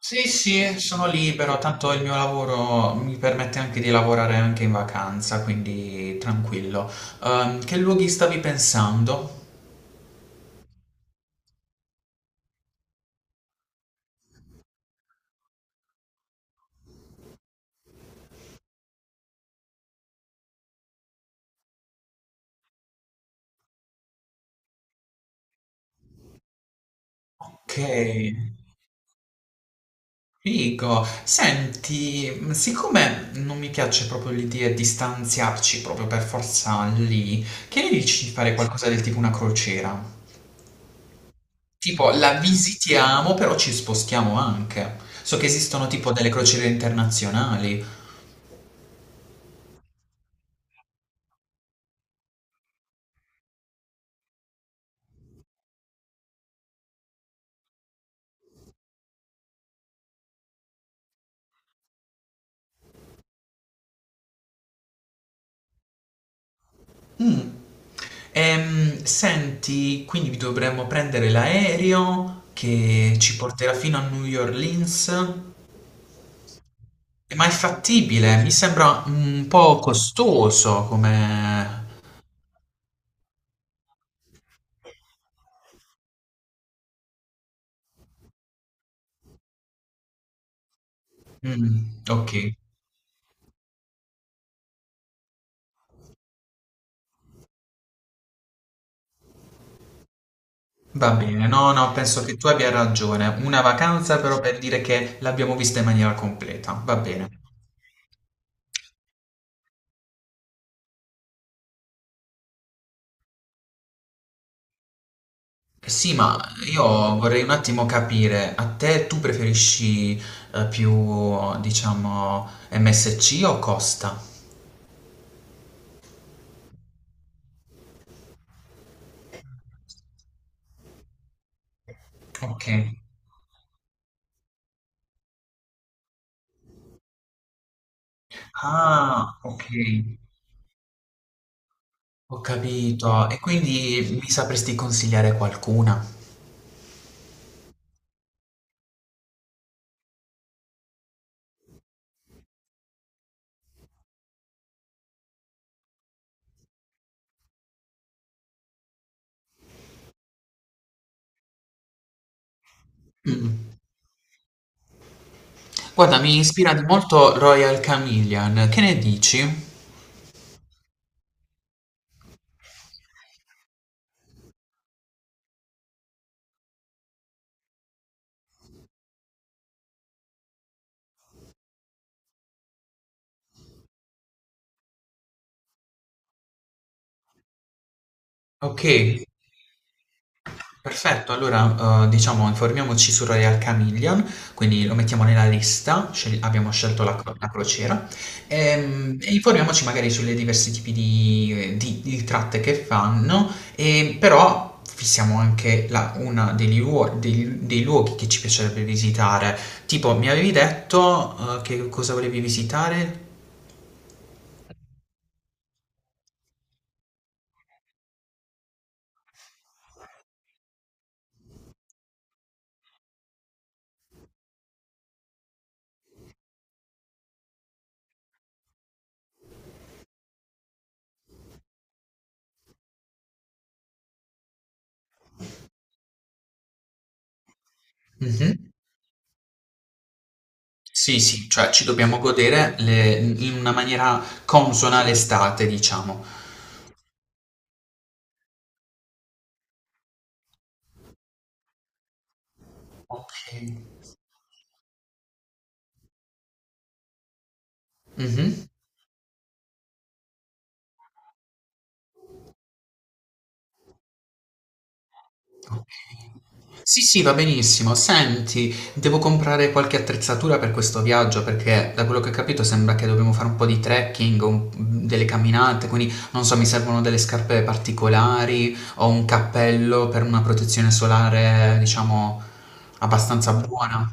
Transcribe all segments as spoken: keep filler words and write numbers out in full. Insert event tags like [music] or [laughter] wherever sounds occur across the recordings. Sì, sì, sono libero, tanto il mio lavoro mi permette anche di lavorare anche in vacanza, quindi tranquillo. Ehm, che luoghi stavi pensando? Ok, figo. Senti, siccome non mi piace proprio l'idea di distanziarci proprio per forza lì, che ne dici di fare qualcosa del tipo una crociera? Tipo, la visitiamo, però ci spostiamo anche. So che esistono tipo delle crociere internazionali. Mm. Ehm, senti, quindi dovremmo prendere l'aereo che ci porterà fino a New Orleans, ma è fattibile, mi sembra un po' costoso come... Mm, ok, va bene, no, no, penso che tu abbia ragione, una vacanza però per dire che l'abbiamo vista in maniera completa, va bene. Sì, ma io vorrei un attimo capire, a te tu preferisci eh, più, diciamo, M S C o Costa? Ok. Ah, ok. Ho capito. E quindi mi sapresti consigliare qualcuna? [clears throat] Mm. Guarda, mi ispira di molto Royal Chameleon. Che ne dici? Ok. Perfetto, allora eh, diciamo informiamoci su Royal Chameleon, quindi lo mettiamo nella lista, scegli- abbiamo scelto la, cro- la crociera, ehm, e informiamoci magari sulle diversi tipi di, eh, di- di tratte che fanno, e però fissiamo anche la- una degli luo- dei, dei luoghi che ci piacerebbe visitare, tipo mi avevi detto eh, che cosa volevi visitare? Mhm. Sì, sì, cioè ci dobbiamo godere le- in una maniera consona l'estate, diciamo. Ok. Mhm. Ok. Sì, sì, va benissimo. Senti, devo comprare qualche attrezzatura per questo viaggio perché da quello che ho capito sembra che dobbiamo fare un po' di trekking, un- delle camminate, quindi non so, mi servono delle scarpe particolari o un cappello per una protezione solare, diciamo, abbastanza buona.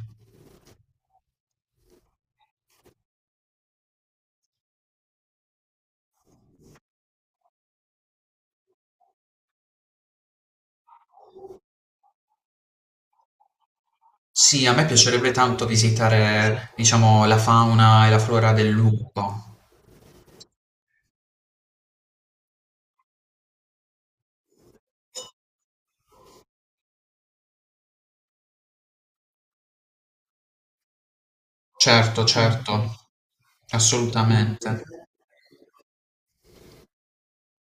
Sì, a me piacerebbe tanto visitare, diciamo, la fauna e la flora del lupo. Certo, certo, assolutamente.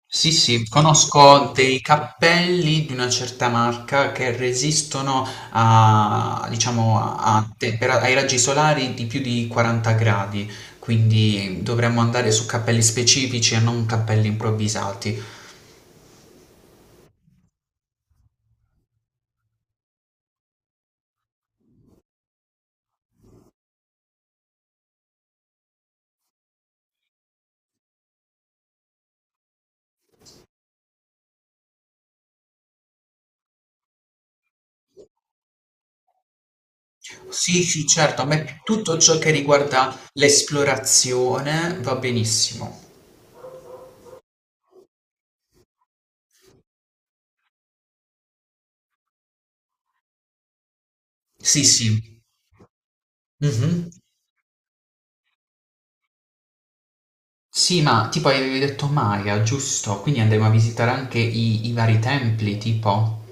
Sì, sì, conosco dei cappelli di una certa marca che resistono a, diciamo, a a tempera- ai raggi solari di più di quaranta gradi, quindi dovremmo andare su cappelli specifici e non cappelli improvvisati. Sì, sì, certo, a me tutto ciò che riguarda l'esplorazione va benissimo. Sì, sì. Mhm. Sì, ma tipo avevi detto Maya, giusto? Quindi andremo a visitare anche i i vari templi, tipo.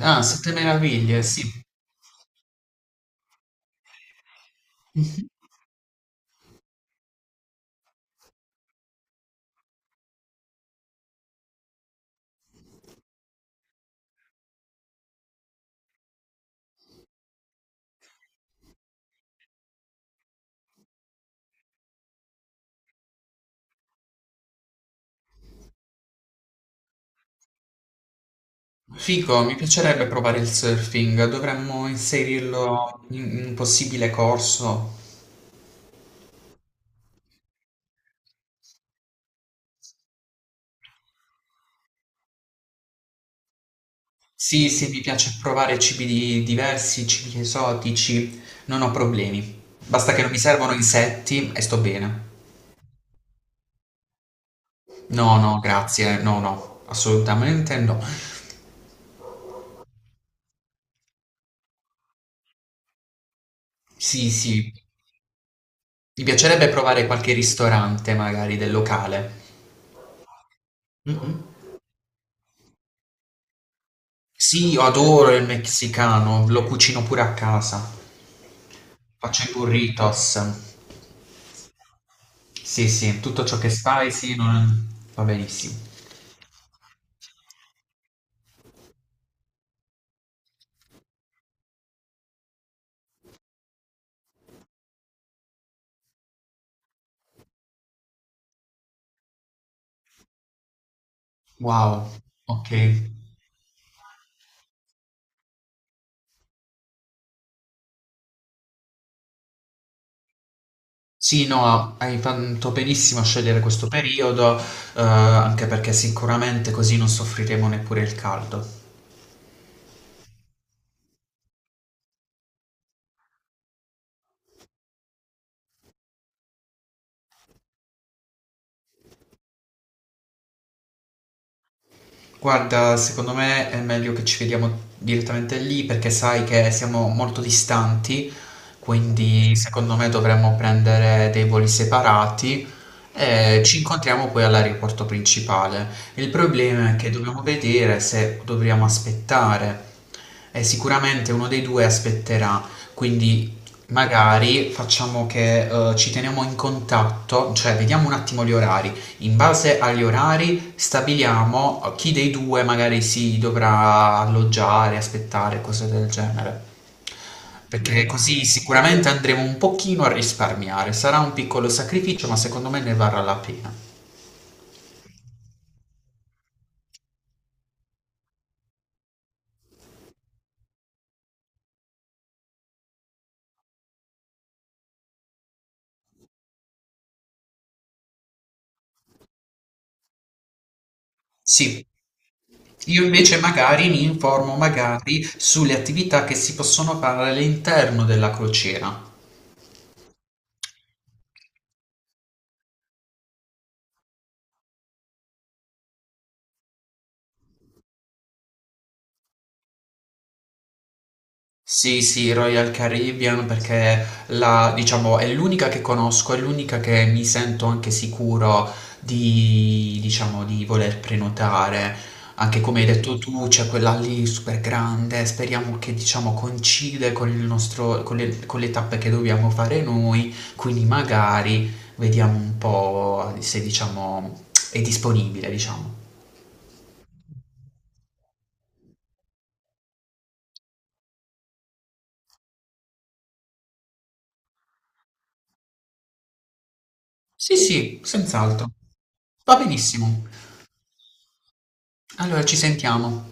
Ah, Sette Meraviglie, sì. Mhm. Fico, mi piacerebbe provare il surfing, dovremmo inserirlo in un possibile corso. Sì, sì, mi piace provare cibi di- diversi, cibi esotici, non ho problemi. Basta che non mi servono insetti e sto bene. No, no, grazie, no, no, assolutamente no. Sì, sì, mi piacerebbe provare qualche ristorante magari del locale. Mhm. Sì, io adoro il messicano, lo cucino pure a casa. Faccio i burritos. Sì, sì, tutto ciò che è spicy non... Va benissimo. Wow, ok. Sì, no, hai fatto benissimo a scegliere questo periodo, eh, anche perché sicuramente così non soffriremo neppure il caldo. Guarda, secondo me è meglio che ci vediamo direttamente lì perché sai che siamo molto distanti, quindi secondo me dovremmo prendere dei voli separati e ci incontriamo poi all'aeroporto principale. Il problema è che dobbiamo vedere se dobbiamo aspettare e sicuramente uno dei due aspetterà, quindi magari facciamo che eh, ci teniamo in contatto, cioè vediamo un attimo gli orari. In base agli orari stabiliamo chi dei due magari si dovrà alloggiare, aspettare, cose del genere. Perché così sicuramente andremo un pochino a risparmiare. Sarà un piccolo sacrificio, ma secondo me ne varrà la pena. Sì, io invece magari mi informo magari sulle attività che si possono fare all'interno della crociera. Sì, sì, Royal Caribbean perché la, diciamo, è l'unica che conosco, è l'unica che mi sento anche sicuro di, diciamo, di voler prenotare. Anche come hai detto tu, c'è quella lì super grande, speriamo che, diciamo, coincide con il nostro, con le, con le tappe che dobbiamo fare noi, quindi magari vediamo un po' se, diciamo, è disponibile, diciamo. Sì, sì, senz'altro. Va benissimo. Allora ci sentiamo.